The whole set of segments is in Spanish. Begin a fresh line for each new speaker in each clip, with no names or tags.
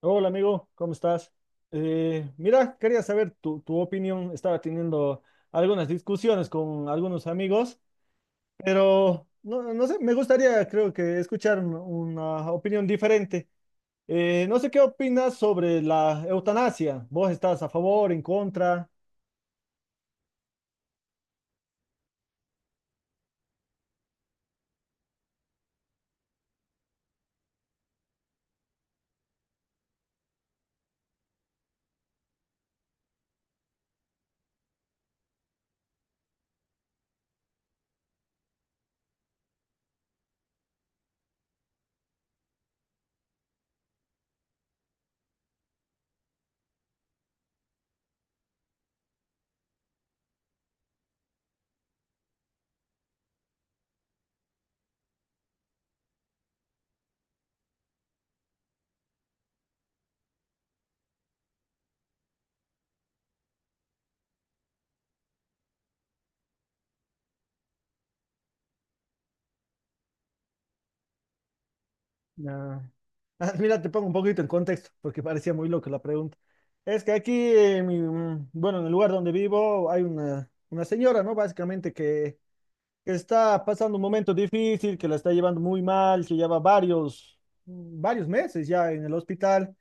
Hola amigo, ¿cómo estás? Mira, quería saber tu opinión. Estaba teniendo algunas discusiones con algunos amigos, pero no, no sé, me gustaría creo que escuchar una opinión diferente. No sé qué opinas sobre la eutanasia. ¿Vos estás a favor, en contra? Ah, ah, mira, te pongo un poquito en contexto porque parecía muy loca la pregunta. Es que aquí, en bueno, en el lugar donde vivo hay una señora, ¿no? Básicamente que está pasando un momento difícil, que la está llevando muy mal, que lleva varios, varios meses ya en el hospital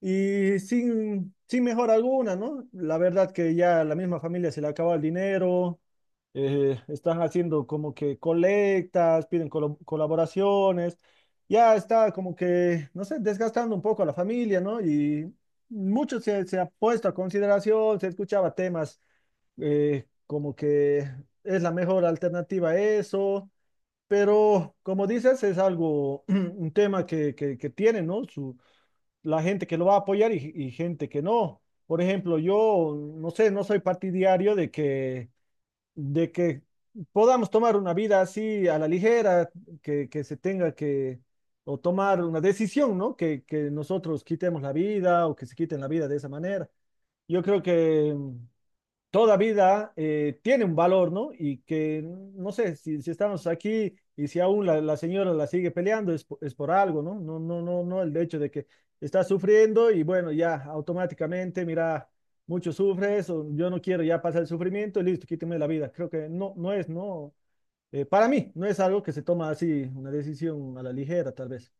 y sin, sin mejora alguna, ¿no? La verdad que ya la misma familia se le acaba el dinero. Están haciendo como que colectas, piden colaboraciones, ya está como que, no sé, desgastando un poco a la familia, ¿no? Y mucho se ha puesto a consideración, se escuchaba temas como que es la mejor alternativa a eso, pero como dices, es algo, un tema que tiene, ¿no? Su, la gente que lo va a apoyar y gente que no. Por ejemplo, yo, no sé, no soy partidario de que podamos tomar una vida así a la ligera, que se tenga que, o tomar una decisión, ¿no? Que nosotros quitemos la vida o que se quiten la vida de esa manera. Yo creo que toda vida tiene un valor, ¿no? Y que no sé si, si estamos aquí, y si aún la señora la sigue peleando es, es por algo, ¿no? El hecho de que está sufriendo y bueno, ya automáticamente, mira, mucho sufres, o yo no quiero ya pasar el sufrimiento y listo, quítame la vida. Creo que no, para mí, no es algo que se toma así, una decisión a la ligera, tal vez.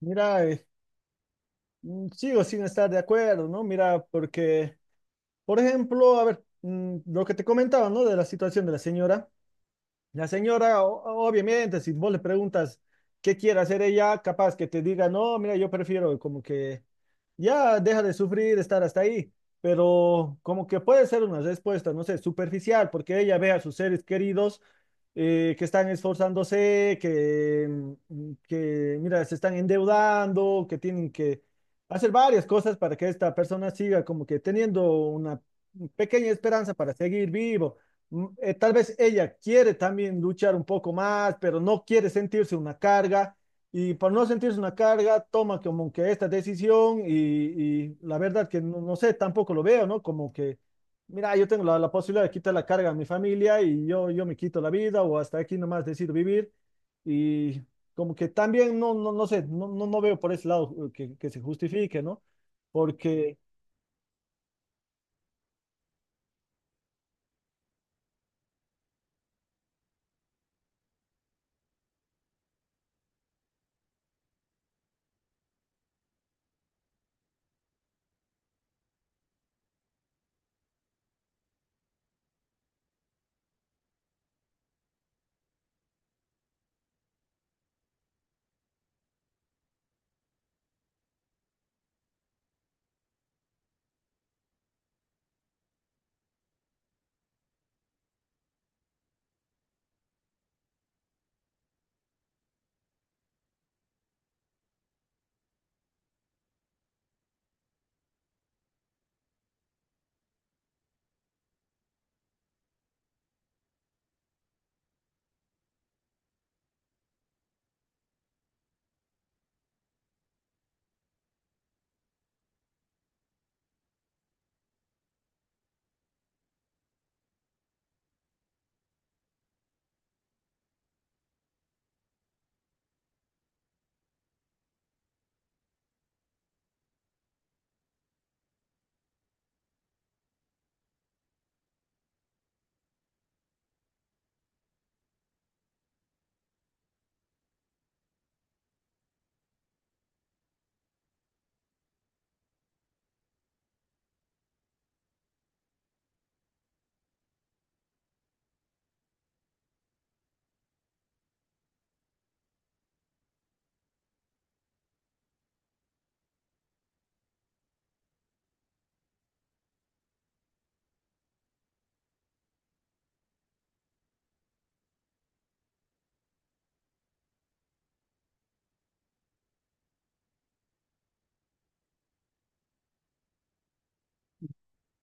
Mira, sigo sin estar de acuerdo, ¿no? Mira, porque... Por ejemplo, a ver, lo que te comentaba, ¿no? De la situación de la señora. La señora, obviamente, si vos le preguntas qué quiere hacer ella, capaz que te diga, no, mira, yo prefiero como que ya deja de sufrir, estar hasta ahí. Pero como que puede ser una respuesta, no sé, superficial, porque ella ve a sus seres queridos que están esforzándose, mira, se están endeudando, que tienen que hacer varias cosas para que esta persona siga como que teniendo una pequeña esperanza para seguir vivo. Tal vez ella quiere también luchar un poco más, pero no quiere sentirse una carga, y por no sentirse una carga toma como que esta decisión, y la verdad que no, no sé, tampoco lo veo, ¿no? Como que, mira, yo tengo la posibilidad de quitar la carga a mi familia, y yo me quito la vida o hasta aquí nomás decido vivir, y como que también no sé, no veo por ese lado que se justifique, ¿no? Porque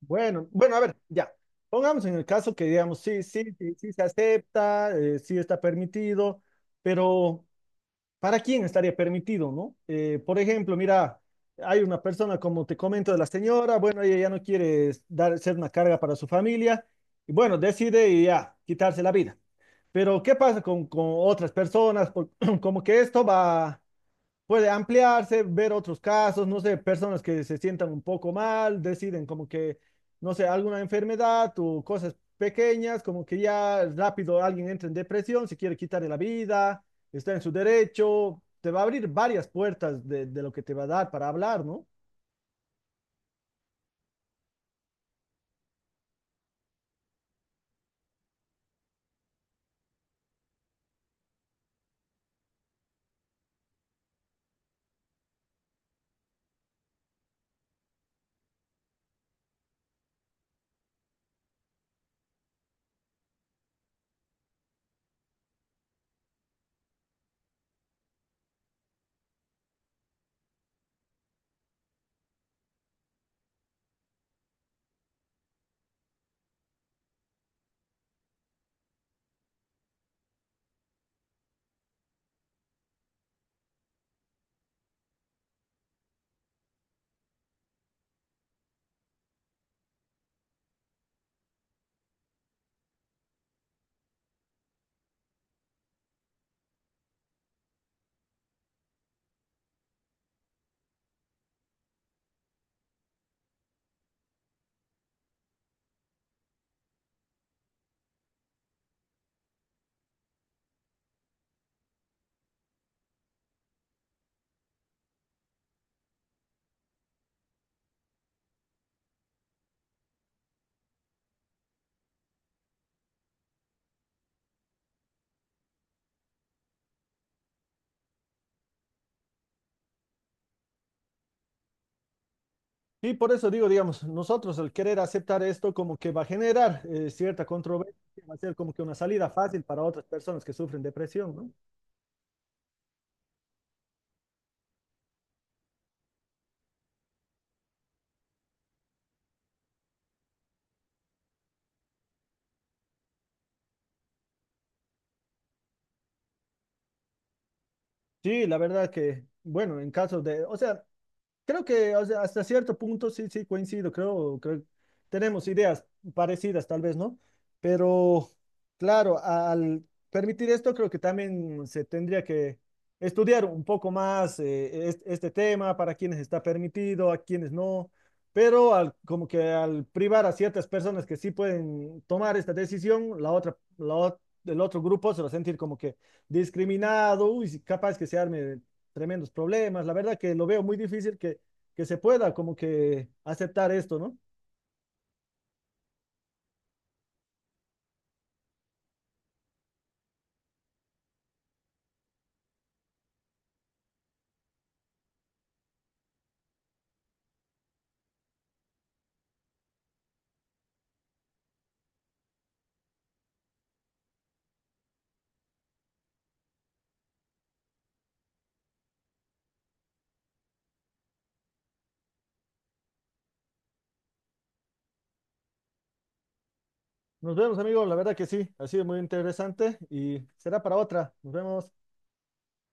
bueno, bueno, a ver, ya. Pongamos en el caso que digamos, sí, sí, sí, sí se acepta, sí está permitido, pero ¿para quién estaría permitido, no? Por ejemplo, mira, hay una persona, como te comento, de la señora, bueno, ella ya no quiere dar, ser una carga para su familia, y bueno, decide y ya, quitarse la vida. Pero ¿qué pasa con otras personas? Como que esto va puede ampliarse, ver otros casos, no sé, personas que se sientan un poco mal, deciden como que, no sé, alguna enfermedad o cosas pequeñas, como que ya rápido alguien entra en depresión, se quiere quitar de la vida, está en su derecho, te va a abrir varias puertas de lo que te va a dar para hablar, ¿no? Y por eso digo, digamos, nosotros al querer aceptar esto como que va a generar cierta controversia, va a ser como que una salida fácil para otras personas que sufren depresión, ¿no? Sí, la verdad que, bueno, en caso de, o sea, creo que o sea, hasta cierto punto sí, sí, coincido. Creo que tenemos ideas parecidas, tal vez, ¿no? Pero, claro, al permitir esto, creo que también se tendría que estudiar un poco más este tema, para quienes está permitido, a quienes no. Pero al, como que al privar a ciertas personas que sí pueden tomar esta decisión, la otra, la, ot- el otro grupo se va a sentir como que discriminado. Uy, si capaz que se arme tremendos problemas. La verdad que lo veo muy difícil que se pueda como que aceptar esto, ¿no? Nos vemos, amigos. La verdad que sí, ha sido muy interesante y será para otra. Nos vemos.